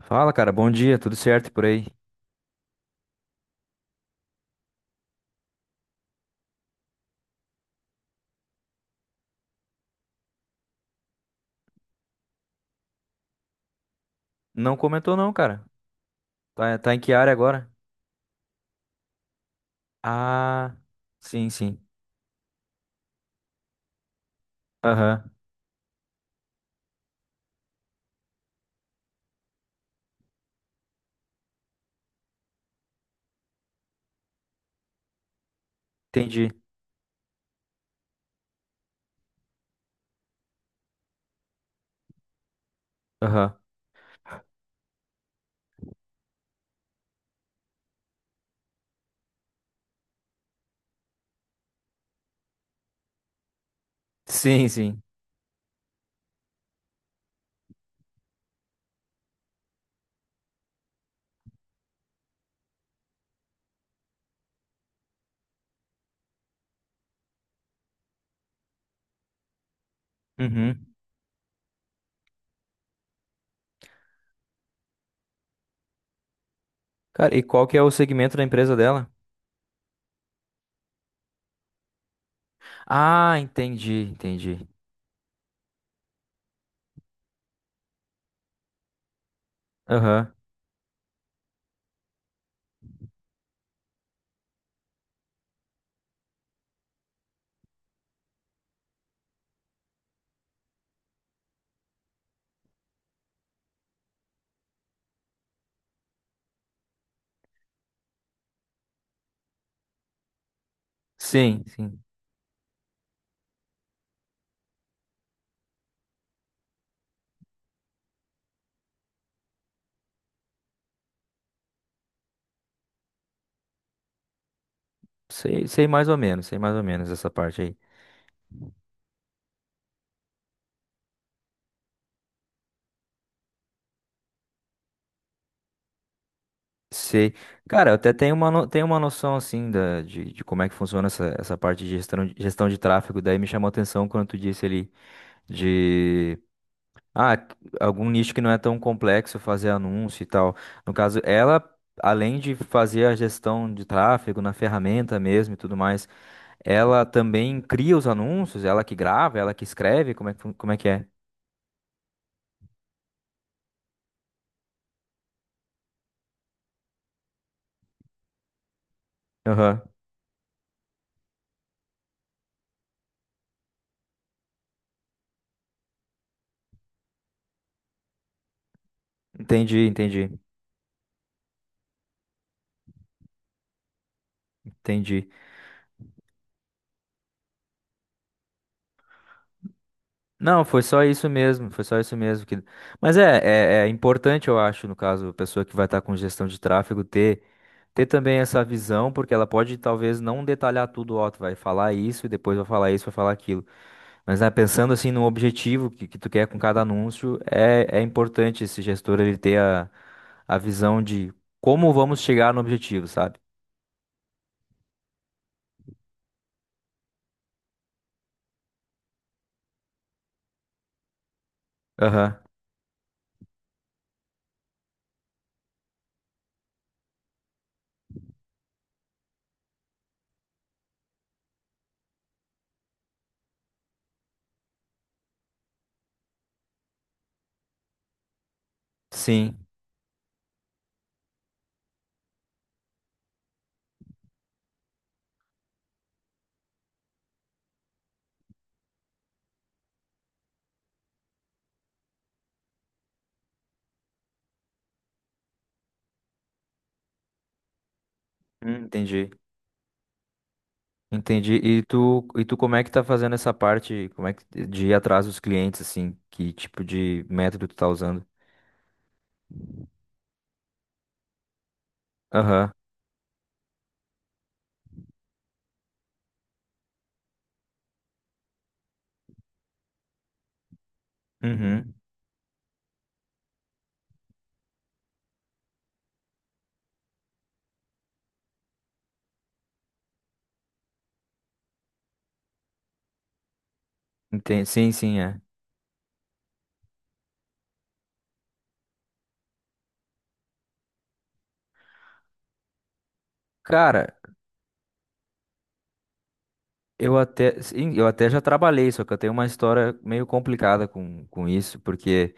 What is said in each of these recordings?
Fala, cara. Bom dia, tudo certo por aí? Não comentou não, cara. Tá, tá em que área agora? Ah, sim, sim. Aham, entendi. Aham. Sim, sim. Uhum. Cara, e qual que é o segmento da empresa dela? Ah, entendi, entendi. Aham. Sim, sim. Sei, sei mais ou menos, sei mais ou menos essa parte aí. Sei. Cara, eu até tenho uma, tenho uma noção, assim, de como é que funciona essa, essa parte de gestão, gestão de tráfego. Daí me chamou a atenção quando tu disse ali de Ah, c- algum nicho que não é tão complexo fazer anúncio e tal. No caso, ela, além de fazer a gestão de tráfego na ferramenta mesmo e tudo mais, ela também cria os anúncios, ela que grava, ela que escreve, como é que, como é que é? Aham. Entendi, entendi, entendi. Não, foi só isso mesmo, foi só isso mesmo que. Mas é, é importante, eu acho, no caso, a pessoa que vai estar com gestão de tráfego ter ter também essa visão, porque ela pode talvez não detalhar tudo, ó, tu vai falar isso e depois vai falar isso, vai falar aquilo. Mas né, pensando assim no objetivo que tu quer com cada anúncio, é, é importante esse gestor ele ter a visão de como vamos chegar no objetivo, sabe? Aham. Sim. Entendi. Entendi. E tu como é que tá fazendo essa parte, como é que de ir atrás dos clientes assim, que tipo de método tu tá usando? Aham. Uhum. Entendi. Sim, sim, é. Cara, eu até, sim, eu até já trabalhei, só que eu tenho uma história meio complicada com isso, porque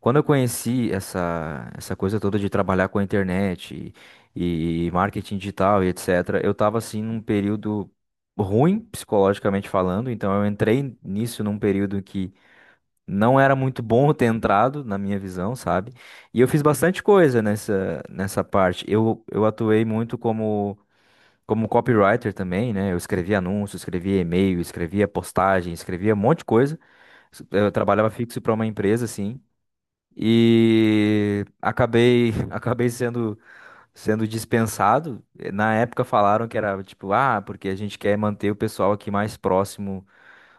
quando eu conheci essa, essa coisa toda de trabalhar com a internet e marketing digital e etc., eu estava assim num período ruim psicologicamente falando, então eu entrei nisso num período que não era muito bom eu ter entrado, na minha visão, sabe? E eu fiz bastante coisa nessa, nessa parte. Eu atuei muito como, como copywriter também, né? Eu escrevia anúncios, escrevia e-mail, escrevia postagem, escrevia um monte de coisa. Eu trabalhava fixo para uma empresa, assim, e acabei acabei sendo sendo dispensado. Na época falaram que era tipo, ah, porque a gente quer manter o pessoal aqui mais próximo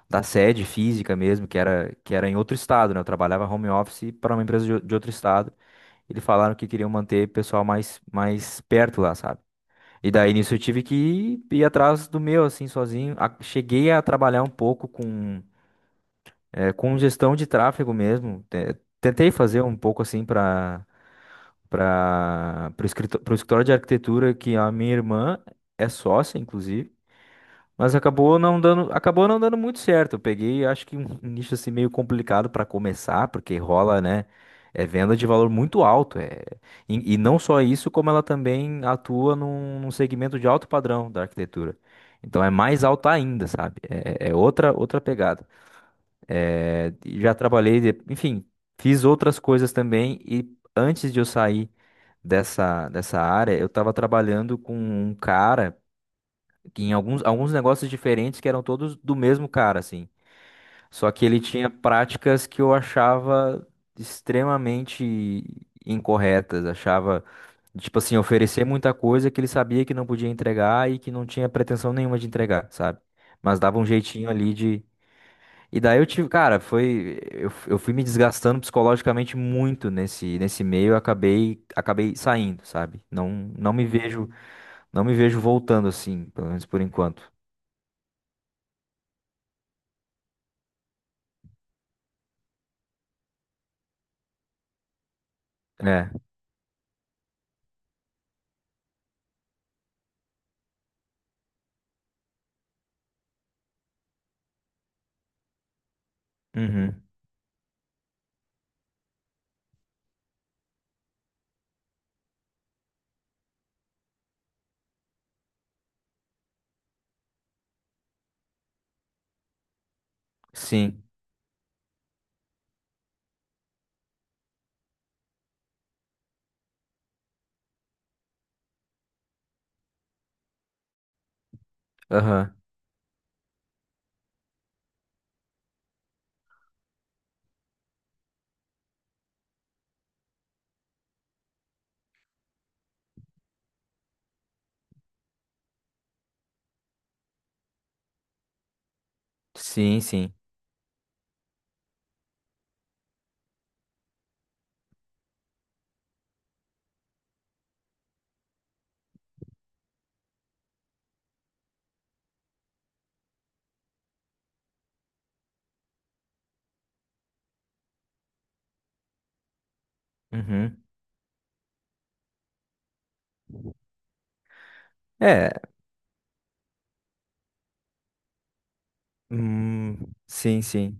da sede física mesmo, que era em outro estado, né? Eu trabalhava home office para uma empresa de, de outro estado. Eles falaram que queriam manter o pessoal mais mais perto lá, sabe? E daí nisso eu tive que ir, ir atrás do meu, assim, sozinho. Cheguei a trabalhar um pouco com, com gestão de tráfego mesmo. Tentei fazer um pouco assim para para o escritório, escritório de arquitetura que a minha irmã é sócia, inclusive, mas acabou não dando muito certo. Eu peguei, acho que um nicho assim meio complicado para começar, porque rola, né? É venda de valor muito alto. É... E, e não só isso, como ela também atua num, num segmento de alto padrão da arquitetura. Então é mais alto ainda, sabe? É, é outra outra pegada. É, já trabalhei, enfim, fiz outras coisas também e antes de eu sair dessa, dessa área, eu estava trabalhando com um cara que em alguns, alguns negócios diferentes que eram todos do mesmo cara, assim. Só que ele tinha práticas que eu achava extremamente incorretas, achava, tipo assim, oferecer muita coisa que ele sabia que não podia entregar e que não tinha pretensão nenhuma de entregar, sabe? Mas dava um jeitinho ali e daí eu tive, cara, foi, eu fui me desgastando psicologicamente muito nesse nesse meio, eu acabei acabei saindo, sabe? Não não me vejo, não me vejo voltando assim, pelo menos por enquanto. É. Uhum. Sim. Aham. Sim, sim. Uhum. É. Hum, sim, sim.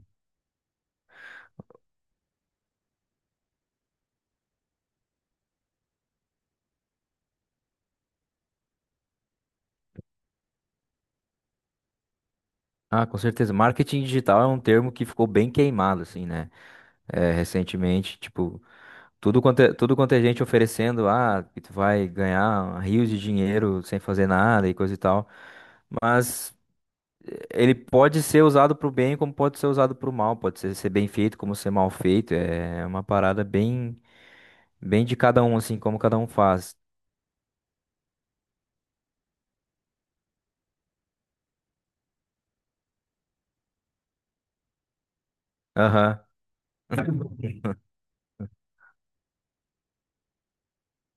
Ah, com certeza. Marketing digital é um termo que ficou bem queimado, assim, né? É, recentemente, tipo, tudo quanto é, tudo quanto é gente oferecendo, ah, que tu vai ganhar rios de dinheiro sem fazer nada e coisa e tal. Mas ele pode ser usado pro bem como pode ser usado pro mal. Pode ser, ser bem feito como ser mal feito. É uma parada bem, bem de cada um, assim, como cada um faz. Aham,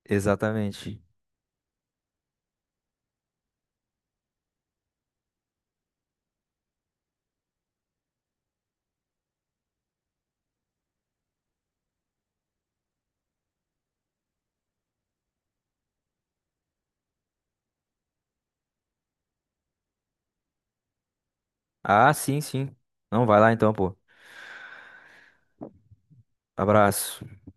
exatamente. Ah, sim, sim. Não, vai lá então, pô. Abraço.